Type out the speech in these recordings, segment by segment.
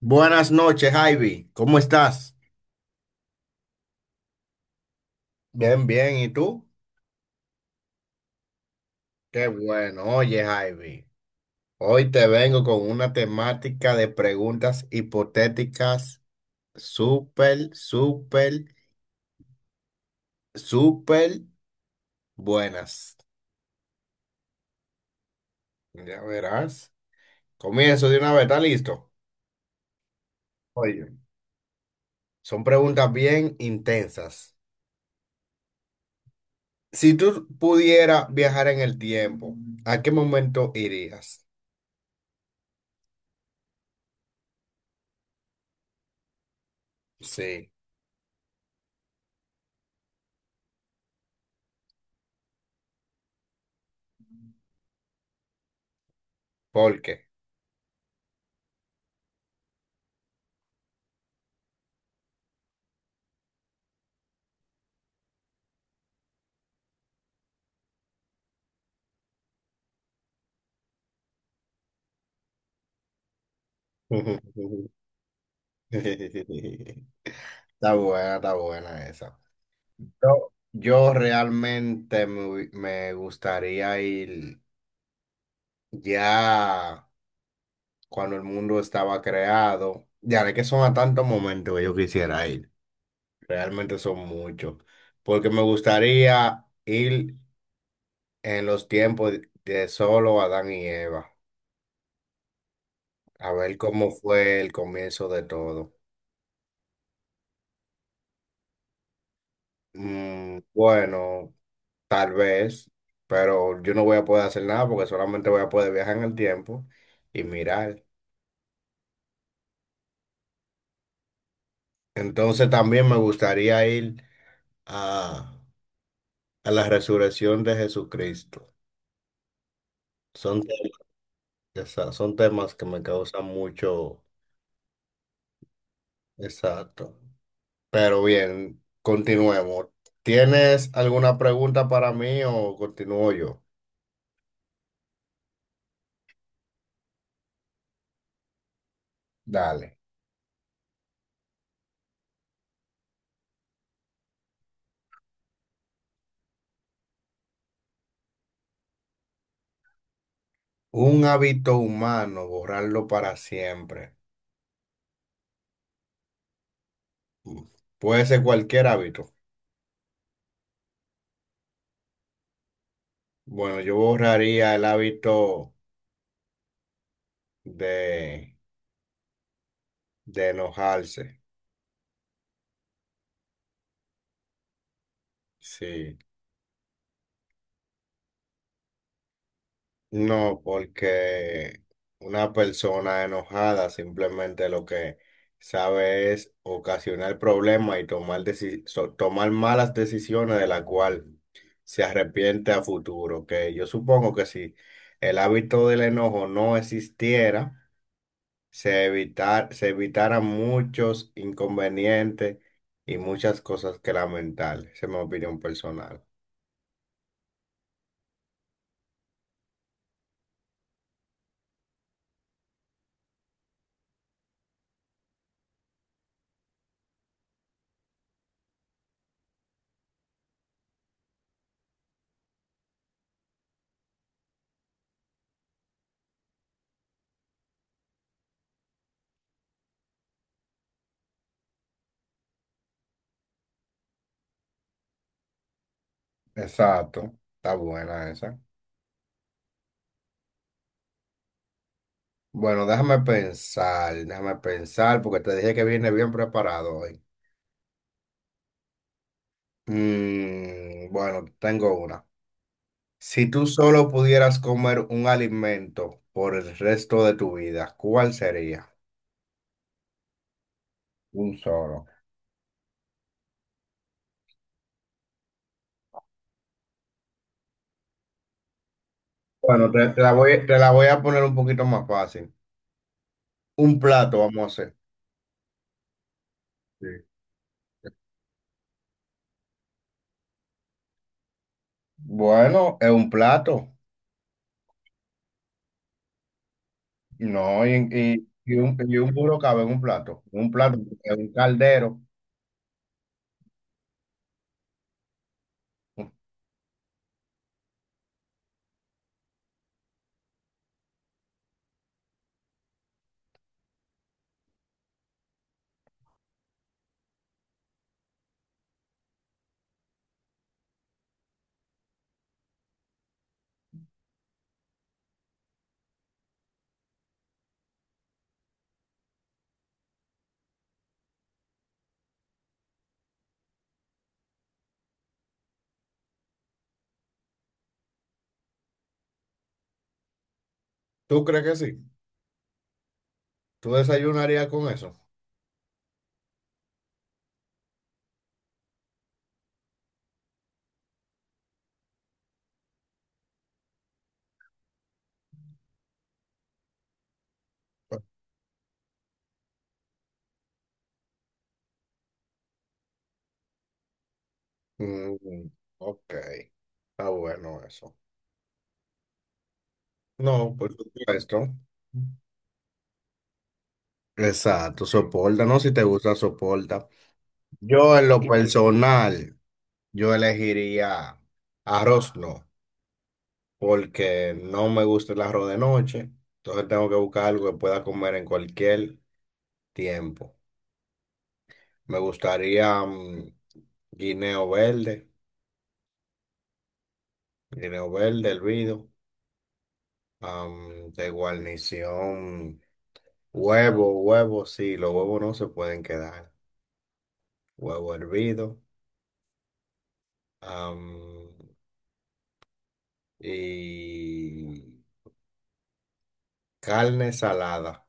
Buenas noches, Ivy. ¿Cómo estás? Bien, bien. ¿Y tú? Qué bueno. Oye, Ivy, hoy te vengo con una temática de preguntas hipotéticas súper, súper, súper buenas. Ya verás. Comienzo de una vez. ¿Está listo? Oye. Son preguntas bien intensas. Si tú pudieras viajar en el tiempo, ¿a qué momento irías? Sí. ¿Por qué? Está buena esa. Yo realmente me gustaría ir ya cuando el mundo estaba creado. Ya de que son a tantos momentos que yo quisiera ir. Realmente son muchos. Porque me gustaría ir en los tiempos de solo Adán y Eva. A ver cómo fue el comienzo de todo. Mm, bueno. Tal vez, pero yo no voy a poder hacer nada porque solamente voy a poder viajar en el tiempo y mirar. Entonces también me gustaría ir a, a la resurrección de Jesucristo. Son temas, son temas que me causan mucho exacto. Pero bien, continuemos. ¿Tienes alguna pregunta para mí o continúo yo? Dale. Un hábito humano, borrarlo para siempre. Mm. Puede ser cualquier hábito. Bueno, yo borraría el hábito de, de enojarse. Sí. No, porque una persona enojada simplemente lo que sabe es ocasionar problemas y tomar malas decisiones de la cual se arrepiente a futuro. Que yo supongo que si el hábito del enojo no existiera, se evitaran muchos inconvenientes y muchas cosas que lamentar. Esa es mi opinión personal. Exacto, está buena esa. Bueno, déjame pensar, porque te dije que viene bien preparado hoy. Mm, bueno, tengo una. Si tú solo pudieras comer un alimento por el resto de tu vida, ¿cuál sería? Un solo. Bueno, te la voy a poner un poquito más fácil. Un plato, vamos a hacer. Sí. Bueno, es un plato, no, y un burro cabe en un plato, es un caldero. ¿Tú crees que sí? ¿Tú desayunarías con eso? Mm, ok, está bueno eso. No, por supuesto. Exacto, soporta, ¿no? Si te gusta, soporta. Yo en lo personal, yo elegiría arroz, no, porque no me gusta el arroz de noche, entonces tengo que buscar algo que pueda comer en cualquier tiempo. Me gustaría guineo verde, guineo verde hervido, de guarnición, huevo, sí, los huevos no se pueden quedar. Huevo hervido, am, y carne salada.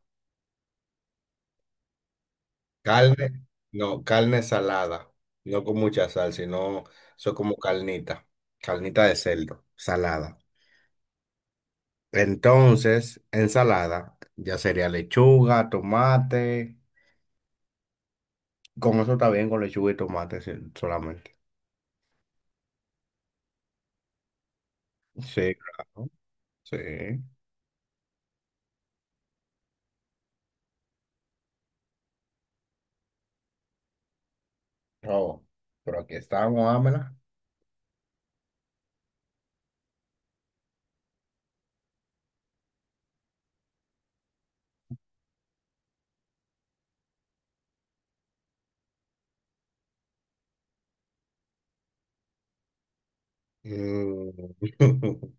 Carne, no, carne salada, no con mucha sal, sino eso como carnita, carnita de cerdo, salada. Entonces, ensalada, ya sería lechuga, tomate. Con eso está bien, con lechuga y tomate sí, solamente. Sí, claro. Sí. Oh, pero aquí estamos, Ámela. Mm.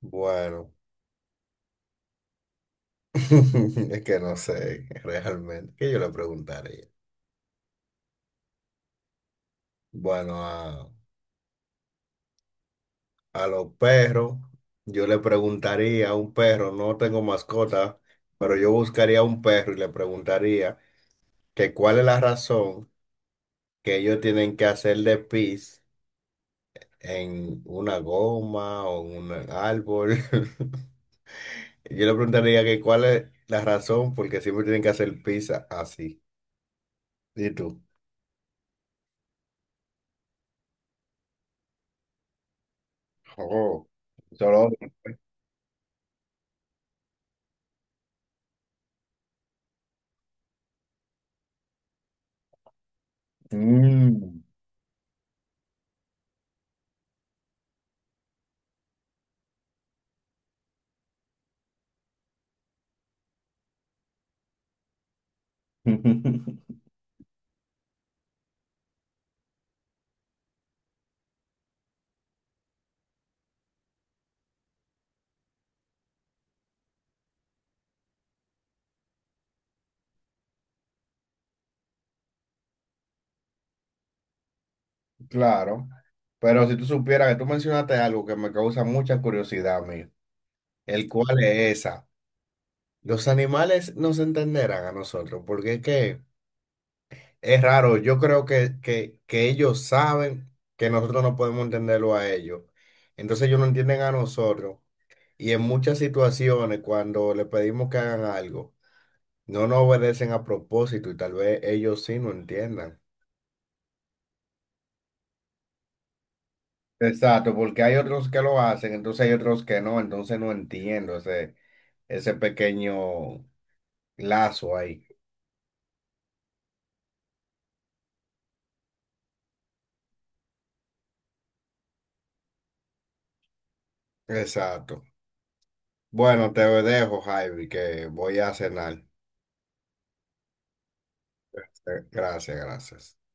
Bueno, es que no sé realmente. ¿Qué yo le preguntaría? Bueno, a los perros, yo le preguntaría a un perro, no tengo mascota, pero yo buscaría a un perro y le preguntaría que cuál es la razón que ellos tienen que hacer de pis en una goma o en un árbol. Yo le preguntaría que cuál es la razón porque siempre tienen que hacer pis así. ¿Y tú? Oh, solo. Mm. Claro. Pero si tú supieras que tú mencionaste algo que me causa mucha curiosidad a mí, el cual es esa. Los animales nos entenderán a nosotros porque es que es raro, yo creo que ellos saben que nosotros no podemos entenderlo a ellos. Entonces ellos no entienden a nosotros. Y en muchas situaciones, cuando le pedimos que hagan algo, no nos obedecen a propósito y tal vez ellos sí no entiendan. Exacto, porque hay otros que lo hacen, entonces hay otros que no, entonces no entiendo ese pequeño lazo ahí. Exacto. Bueno, te dejo, Javi, que voy a cenar. Gracias, gracias.